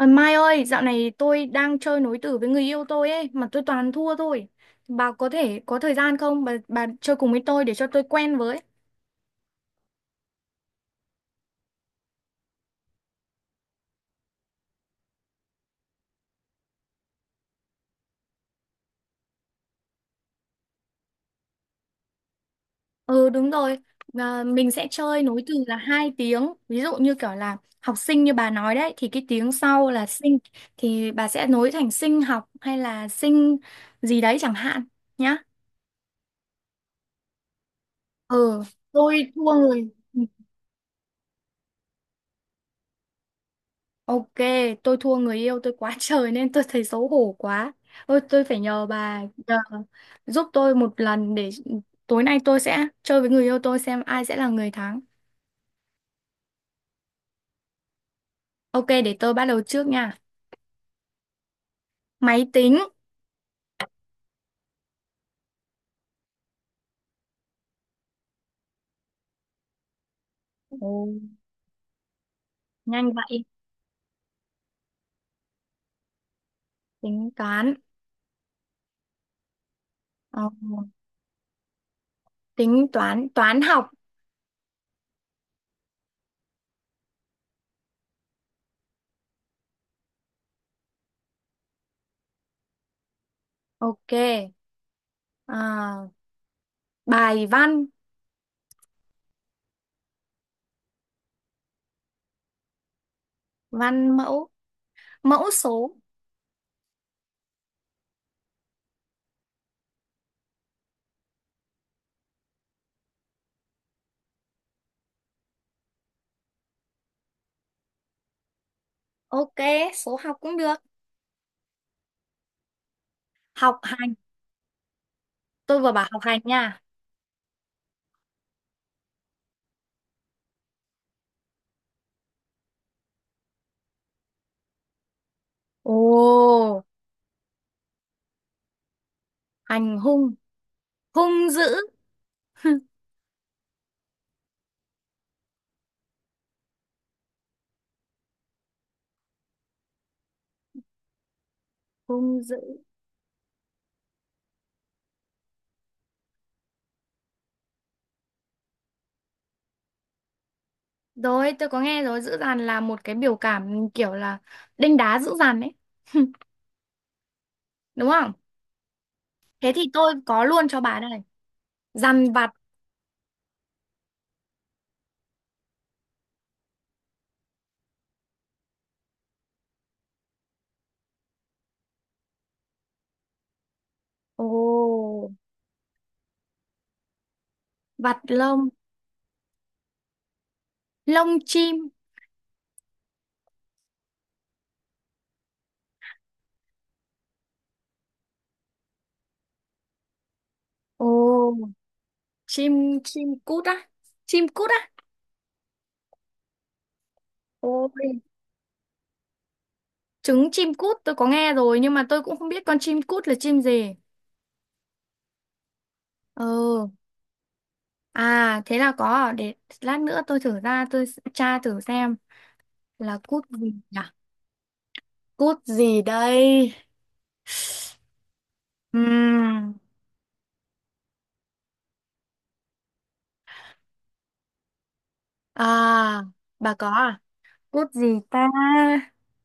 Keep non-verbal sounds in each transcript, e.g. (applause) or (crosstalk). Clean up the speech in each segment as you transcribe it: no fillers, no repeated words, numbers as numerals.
Ờ, Mai ơi, dạo này tôi đang chơi nối tử với người yêu tôi ấy, mà tôi toàn thua thôi. Bà có thể có thời gian không? Bà chơi cùng với tôi để cho tôi quen với. Ừ đúng rồi, à, mình sẽ chơi nối từ là hai tiếng. Ví dụ như kiểu là học sinh như bà nói đấy, thì cái tiếng sau là sinh, thì bà sẽ nối thành sinh học hay là sinh gì đấy chẳng hạn nhá. Ừ, tôi thua người. Ok, tôi thua người yêu tôi quá (laughs) trời nên tôi thấy xấu hổ quá. Ôi, tôi phải nhờ bà nhờ, giúp tôi một lần để tối nay tôi sẽ chơi với người yêu tôi xem ai sẽ là người thắng. Ok, để tôi bắt đầu trước nha. Máy tính. Ồ, nhanh vậy. Tính toán. Ờ, tính toán, toán học. Ok. À, bài văn, văn mẫu, mẫu số. Ok, số học cũng được. Học hành. Tôi vừa bảo học hành nha. Ồ, hành hung, hung dữ. Hung dữ rồi, tôi có nghe rồi, dữ dằn là một cái biểu cảm kiểu là đanh đá dữ dằn ấy, (laughs) đúng không? Thế thì tôi có luôn cho bà đây, dằn vặt. Ồ, vặt lông, lông chim. Ồ, chim chim cút á? Chim cút á? Ồ, trứng chim cút tôi có nghe rồi nhưng mà tôi cũng không biết con chim cút là chim gì. Ừ, à thế là có, để lát nữa tôi thử ra, tra thử xem là cút gì nhỉ? Cút gì đây? Ừm, À, bà có à? Cút gì ta?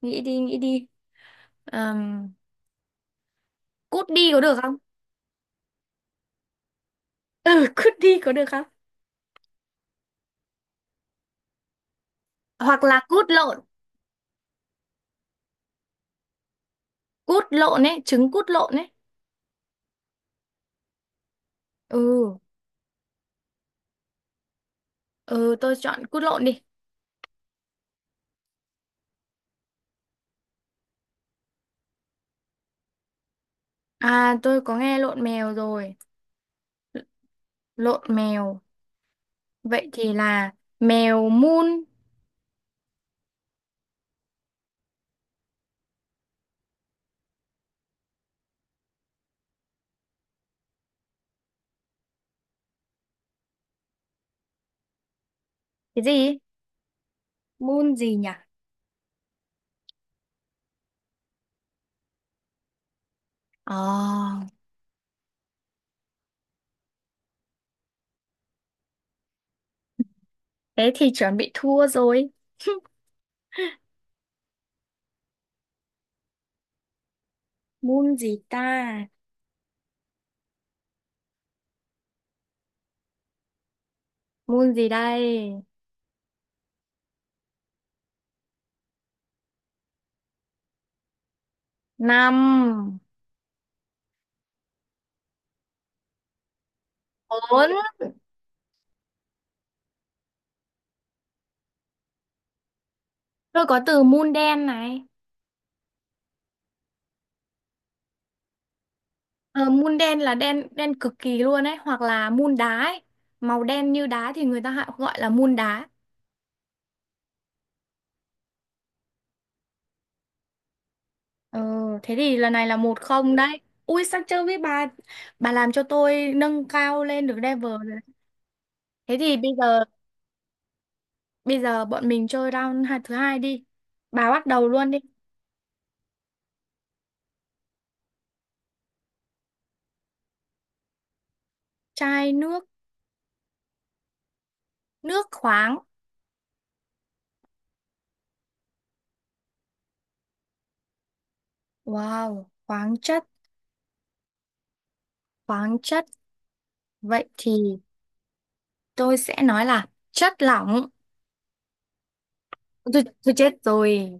Nghĩ đi, nghĩ đi. Ừm, cút đi có được không? Ừ, cút đi có được không? Hoặc là cút lộn. Cút lộn ấy, trứng cút lộn ấy. Ừ, ừ tôi chọn cút lộn đi. À, tôi có nghe lộn mèo rồi. Lộn mèo. Vậy thì là mèo mun. Cái gì? Mun gì nhỉ? Ờ, thế thì chuẩn bị thua rồi. (laughs) Mun gì ta? Moon gì đây? Năm, bốn. Tôi có từ moon đen này. Ờ, moon đen là đen đen cực kỳ luôn ấy, hoặc là moon đá ấy. Màu đen như đá thì người ta hay gọi là moon đá. Ờ, thế thì lần này là một không đấy. Ui sao chưa biết bà làm cho tôi nâng cao lên được level rồi đấy. Thế thì bây giờ bọn mình chơi thứ hai đi. Bà bắt đầu luôn đi. Chai nước, nước khoáng. Wow, khoáng chất, khoáng chất. Vậy thì tôi sẽ nói là chất lỏng. Tôi chết rồi.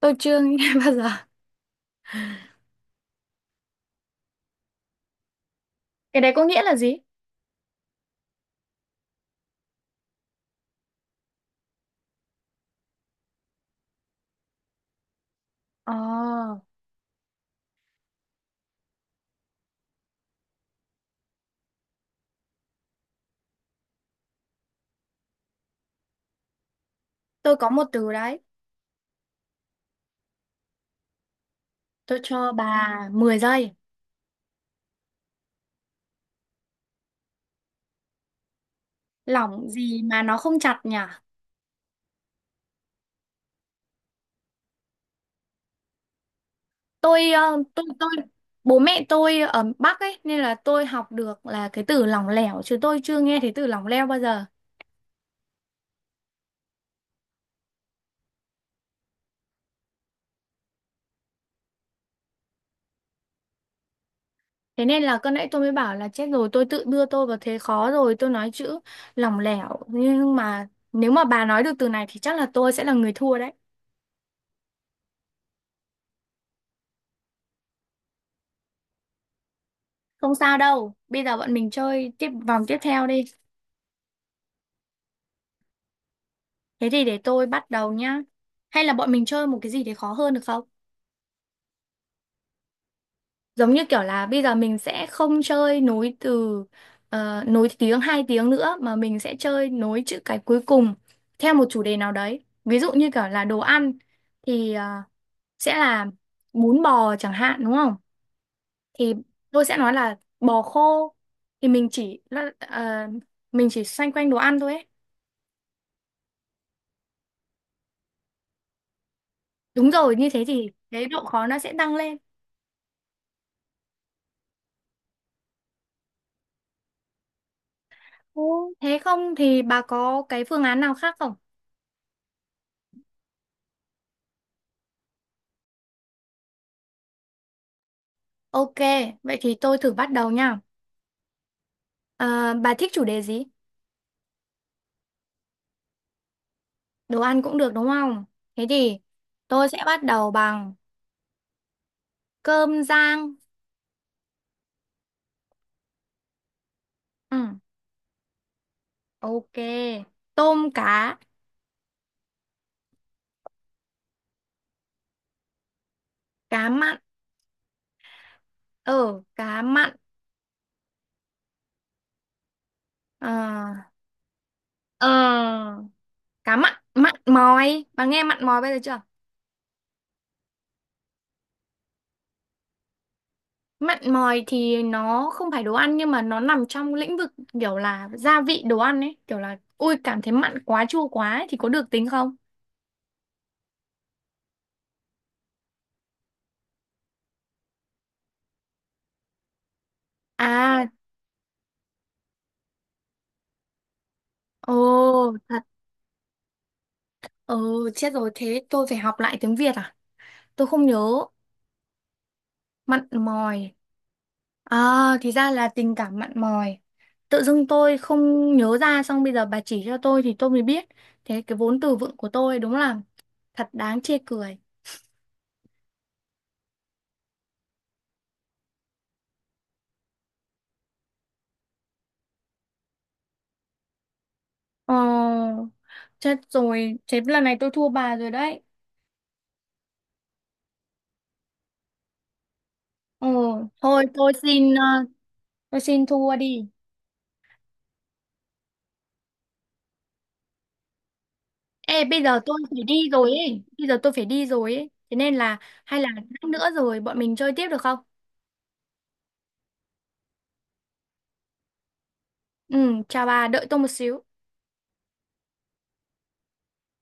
Tôi chưa nghe (laughs) bao giờ, cái đấy có nghĩa là gì? Ờ, tôi có một từ đấy, tôi cho bà 10 giây. Lỏng gì mà nó không chặt nhỉ? tôi ờ, Tôi, bố mẹ tôi ở Bắc ấy nên là tôi học được là cái từ lỏng lẻo chứ tôi chưa nghe thấy từ lỏng leo bao giờ. Thế nên là con nãy tôi mới bảo là chết rồi, tôi tự đưa tôi vào thế khó rồi, tôi nói chữ lỏng lẻo nhưng mà nếu mà bà nói được từ này thì chắc là tôi sẽ là người thua đấy. Không sao đâu, bây giờ bọn mình chơi tiếp vòng tiếp theo đi. Thế thì để tôi bắt đầu nhá. Hay là bọn mình chơi một cái gì để khó hơn được không? Giống như kiểu là bây giờ mình sẽ không chơi nối từ, nối tiếng hai tiếng nữa mà mình sẽ chơi nối chữ cái cuối cùng theo một chủ đề nào đấy. Ví dụ như kiểu là đồ ăn thì sẽ là bún bò chẳng hạn đúng không? Thì tôi sẽ nói là bò khô, thì mình chỉ ờ, mình chỉ xoay quanh đồ ăn thôi ấy. Đúng rồi, như thế thì cái độ khó nó sẽ tăng lên. Ồ, thế không thì bà có cái phương án nào khác không? Ok, vậy thì tôi thử bắt đầu nha. Ờ, bà thích chủ đề gì? Đồ ăn cũng được đúng không? Thế thì tôi sẽ bắt đầu bằng cơm rang. Ừ, ok. Tôm cá, cá mặn. Ờ, cá mặn. Ờ, ờ, cá mặn, mặn mòi. Bà nghe mặn mòi bây giờ chưa? Mặn mòi thì nó không phải đồ ăn nhưng mà nó nằm trong lĩnh vực kiểu là gia vị đồ ăn ấy, kiểu là ui cảm thấy mặn quá chua quá ấy, thì có được tính không? À, ồ, thật. Ừ, chết rồi thế tôi phải học lại tiếng Việt à? Tôi không nhớ. Mặn mòi. À, thì ra là tình cảm mặn mòi. Tự dưng tôi không nhớ ra xong bây giờ bà chỉ cho tôi thì tôi mới biết. Thế cái vốn từ vựng của tôi đúng là thật đáng chê cười. Ờ, chết rồi, thế lần này tôi thua bà rồi đấy. Ờ, thôi tôi xin tôi xin thua đi. Ê, bây giờ tôi phải đi rồi ấy. Bây giờ tôi phải đi rồi ấy. Thế nên là hay là lát nữa rồi bọn mình chơi tiếp được không? Ừ, chào bà, đợi tôi một xíu.